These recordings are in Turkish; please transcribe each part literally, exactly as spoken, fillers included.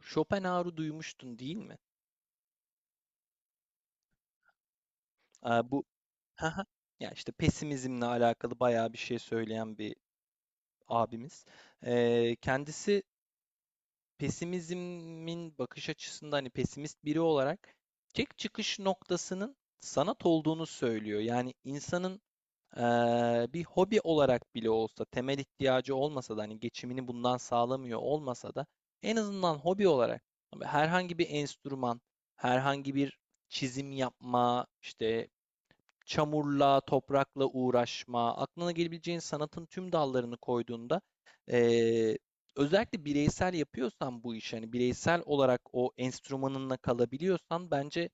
Schopenhauer'u duymuştun değil mi? Aa, bu haha. Ya işte pesimizmle alakalı bayağı bir şey söyleyen bir abimiz. Ee, kendisi pesimizmin bakış açısında hani pesimist biri olarak tek çıkış noktasının sanat olduğunu söylüyor. Yani insanın eee, bir hobi olarak bile olsa temel ihtiyacı olmasa da hani geçimini bundan sağlamıyor olmasa da en azından hobi olarak herhangi bir enstrüman, herhangi bir çizim yapma, işte çamurla, toprakla uğraşma, aklına gelebileceğin sanatın tüm dallarını koyduğunda eee, özellikle bireysel yapıyorsan bu işi, hani bireysel olarak o enstrümanınla kalabiliyorsan bence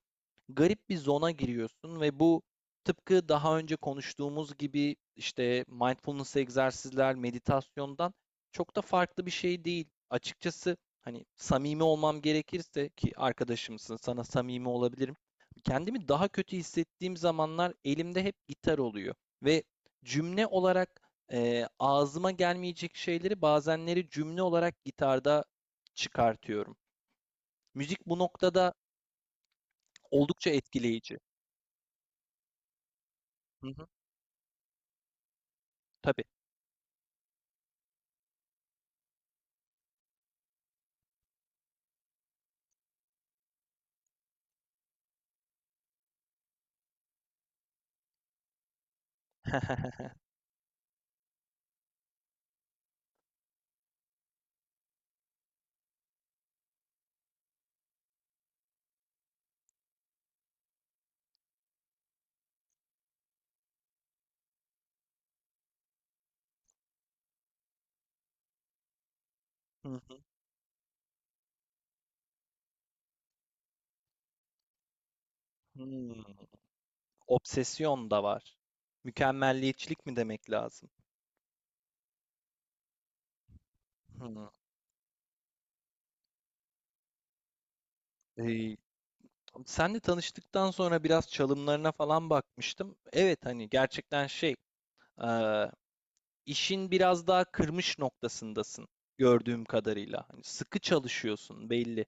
garip bir zona giriyorsun ve bu tıpkı daha önce konuştuğumuz gibi işte mindfulness egzersizler, meditasyondan çok da farklı bir şey değil. Açıkçası hani samimi olmam gerekirse ki arkadaşımsın, sana samimi olabilirim. Kendimi daha kötü hissettiğim zamanlar elimde hep gitar oluyor ve cümle olarak e, ağzıma gelmeyecek şeyleri bazenleri cümle olarak gitarda çıkartıyorum. Müzik bu noktada oldukça etkileyici. Hı hı, tabii. Hı hı. Hımm. Obsesyon da var. Mükemmelliyetçilik mi demek lazım? Hıı. Eee, seninle tanıştıktan sonra biraz çalımlarına falan bakmıştım. Evet, hani, gerçekten şey, işin biraz daha kırmış noktasındasın gördüğüm kadarıyla. Hani sıkı çalışıyorsun belli.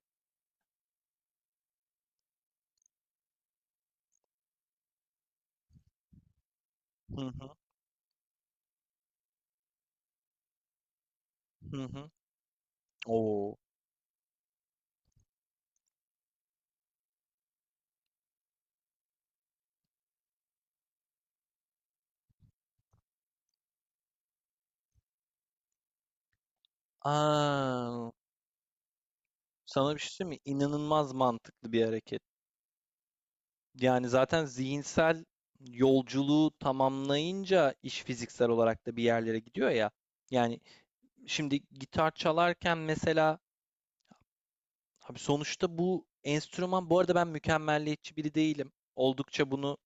Hı hı hı hı. Oo. Aa, sana bir şey söyleyeyim mi? İnanılmaz mantıklı bir hareket. Yani zaten zihinsel yolculuğu tamamlayınca iş fiziksel olarak da bir yerlere gidiyor ya. Yani şimdi gitar çalarken mesela abi sonuçta bu enstrüman bu arada ben mükemmelliyetçi biri değilim. Oldukça bunu.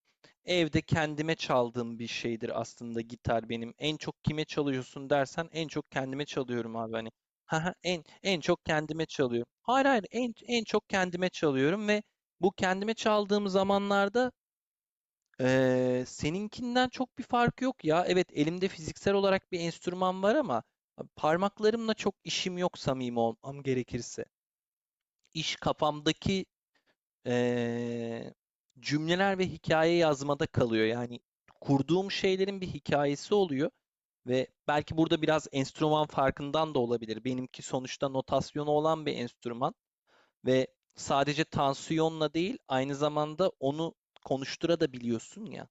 Evde kendime çaldığım bir şeydir aslında gitar benim. En çok kime çalıyorsun dersen en çok kendime çalıyorum abi hani. Haha en en çok kendime çalıyorum. Hayır hayır en en çok kendime çalıyorum ve bu kendime çaldığım zamanlarda eee, seninkinden çok bir fark yok ya. Evet elimde fiziksel olarak bir enstrüman var ama e, parmaklarımla çok işim yok samimi olmam gerekirse. İş kafamdaki eee, cümleler ve hikaye yazmada kalıyor. Yani kurduğum şeylerin bir hikayesi oluyor ve belki burada biraz enstrüman farkından da olabilir. Benimki sonuçta notasyonu olan bir enstrüman ve sadece tansiyonla değil, aynı zamanda onu konuştura da biliyorsun ya.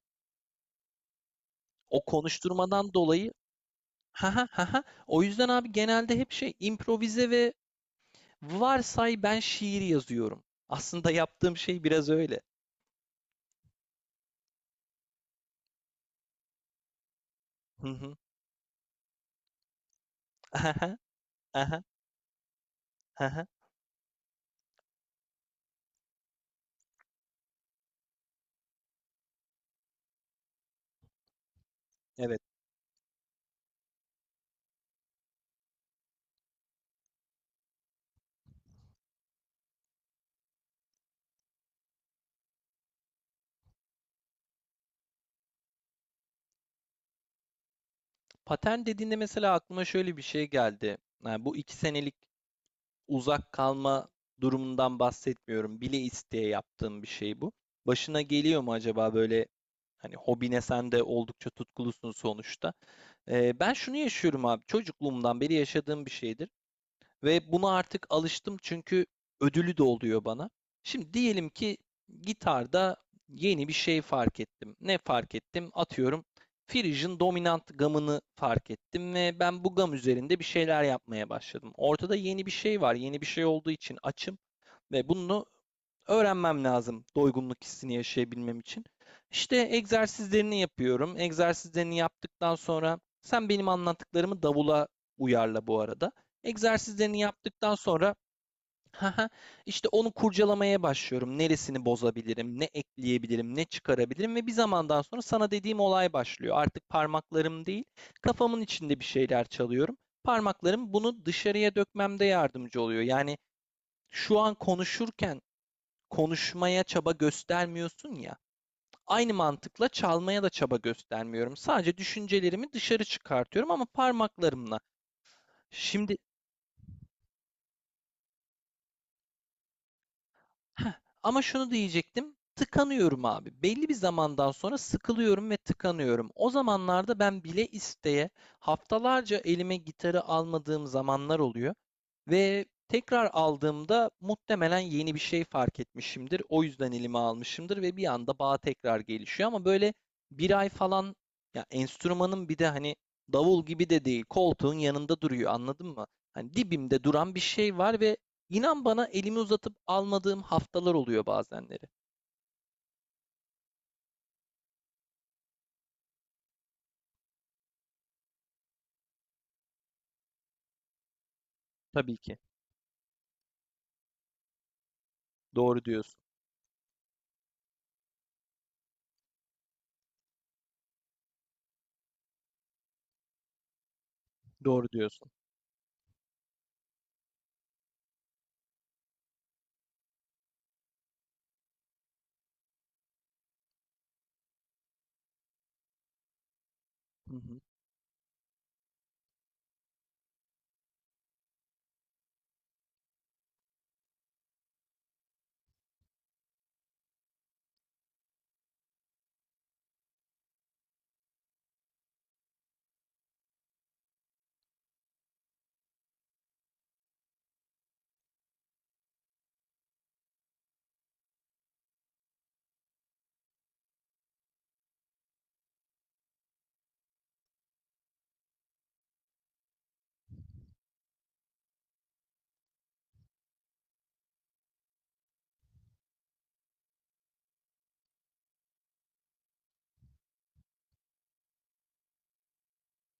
O konuşturmadan dolayı ha ha ha ha. O yüzden abi genelde hep şey improvize ve varsay ben şiir yazıyorum. Aslında yaptığım şey biraz öyle. Hı hı. Aha, aha, aha. Evet. Patent dediğinde mesela aklıma şöyle bir şey geldi. Yani bu iki senelik uzak kalma durumundan bahsetmiyorum. Bile isteye yaptığım bir şey bu. Başına geliyor mu acaba böyle hani hobine sen de oldukça tutkulusun sonuçta. Ee, ben şunu yaşıyorum abi. Çocukluğumdan beri yaşadığım bir şeydir. Ve buna artık alıştım çünkü ödülü de oluyor bana. Şimdi diyelim ki gitarda yeni bir şey fark ettim. Ne fark ettim? Atıyorum Phrygian dominant gamını fark ettim ve ben bu gam üzerinde bir şeyler yapmaya başladım. Ortada yeni bir şey var. Yeni bir şey olduğu için açım ve bunu öğrenmem lazım doygunluk hissini yaşayabilmem için. İşte egzersizlerini yapıyorum. Egzersizlerini yaptıktan sonra sen benim anlattıklarımı davula uyarla bu arada. Egzersizlerini yaptıktan sonra işte onu kurcalamaya başlıyorum. Neresini bozabilirim, ne ekleyebilirim, ne çıkarabilirim ve bir zamandan sonra sana dediğim olay başlıyor. Artık parmaklarım değil, kafamın içinde bir şeyler çalıyorum. Parmaklarım bunu dışarıya dökmemde yardımcı oluyor. Yani şu an konuşurken konuşmaya çaba göstermiyorsun ya. Aynı mantıkla çalmaya da çaba göstermiyorum. Sadece düşüncelerimi dışarı çıkartıyorum ama parmaklarımla. Şimdi Heh, ama şunu diyecektim. Tıkanıyorum abi. Belli bir zamandan sonra sıkılıyorum ve tıkanıyorum. O zamanlarda ben bile isteye haftalarca elime gitarı almadığım zamanlar oluyor ve tekrar aldığımda muhtemelen yeni bir şey fark etmişimdir. O yüzden elime almışımdır ve bir anda bağ tekrar gelişiyor ama böyle bir ay falan ya enstrümanın bir de hani davul gibi de değil koltuğun yanında duruyor anladın mı? Hani dibimde duran bir şey var ve İnan bana elimi uzatıp almadığım haftalar oluyor bazenleri. Tabii ki. Doğru diyorsun. Doğru diyorsun. Hı hı.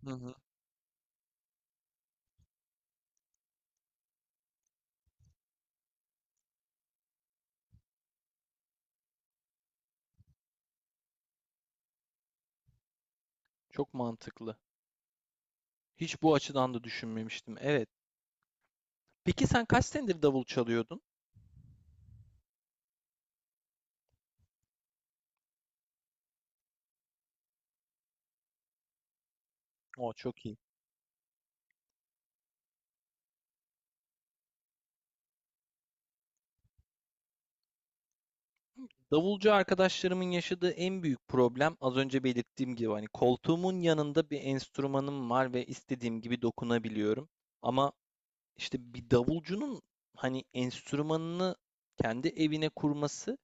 Hı hı. Çok mantıklı. Hiç bu açıdan da düşünmemiştim. Evet. Peki sen kaç senedir davul çalıyordun? O çok iyi. Davulcu arkadaşlarımın yaşadığı en büyük problem az önce belirttiğim gibi hani koltuğumun yanında bir enstrümanım var ve istediğim gibi dokunabiliyorum. Ama işte bir davulcunun hani enstrümanını kendi evine kurması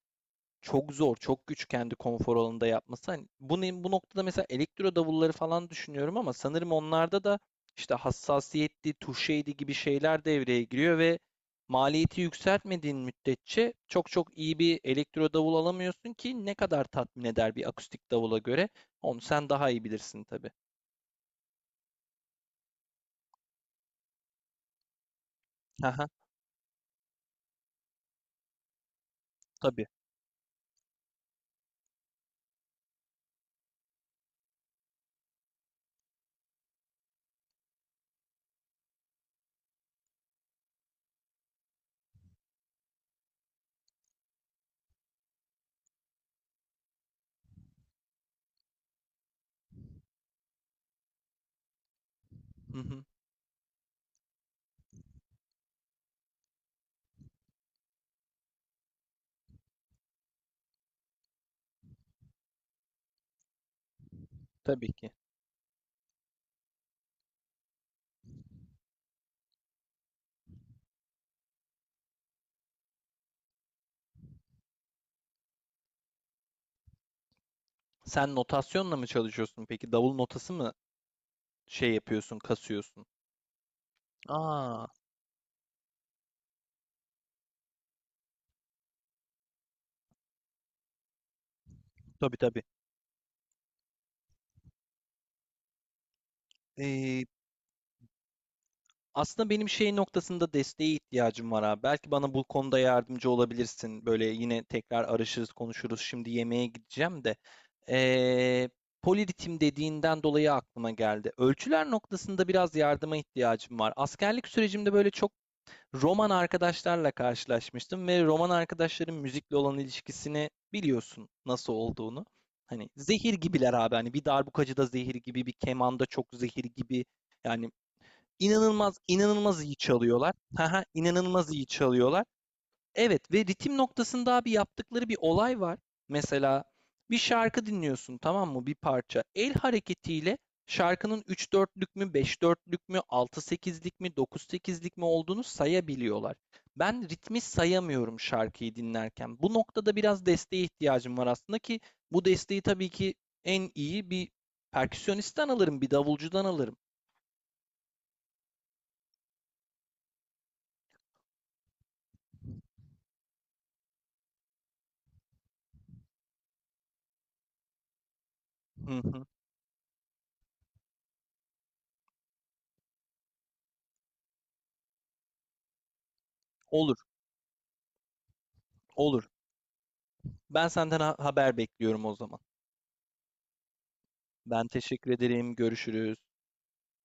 çok zor, çok güç kendi konfor alanında yapması. Hani bunu, bu noktada mesela elektro davulları falan düşünüyorum ama sanırım onlarda da işte hassasiyetli tuşeydi gibi şeyler devreye giriyor ve maliyeti yükseltmediğin müddetçe çok çok iyi bir elektro davul alamıyorsun ki ne kadar tatmin eder bir akustik davula göre. Onu sen daha iyi bilirsin tabii. Aha, tabii. Hı hı, tabii ki. Sen notasyonla mı çalışıyorsun peki? Davul notası mı şey yapıyorsun, kasıyorsun? Aa, tabii tabii. Aslında benim şey noktasında desteğe ihtiyacım var abi. Belki bana bu konuda yardımcı olabilirsin. Böyle yine tekrar arışırız, konuşuruz. Şimdi yemeğe gideceğim de. Ee, poliritim dediğinden dolayı aklıma geldi. Ölçüler noktasında biraz yardıma ihtiyacım var. Askerlik sürecimde böyle çok roman arkadaşlarla karşılaşmıştım ve roman arkadaşların müzikle olan ilişkisini biliyorsun nasıl olduğunu. Hani zehir gibiler abi. Hani bir darbukacı da zehir gibi, bir kemanda çok zehir gibi. Yani. İnanılmaz inanılmaz iyi çalıyorlar. Haha, inanılmaz iyi çalıyorlar. Evet ve ritim noktasında abi yaptıkları bir olay var. Mesela bir şarkı dinliyorsun tamam mı? Bir parça. El hareketiyle şarkının üç dörtlük mü, beş dörtlük mü, altı sekizlik mi, dokuz sekizlik mi olduğunu sayabiliyorlar. Ben ritmi sayamıyorum şarkıyı dinlerken. Bu noktada biraz desteğe ihtiyacım var aslında ki bu desteği tabii ki en iyi bir perküsyonistten alırım, bir davulcudan alırım. Hı hı. Olur, olur. Ben senden ha- haber bekliyorum o zaman. Ben teşekkür ederim. Görüşürüz.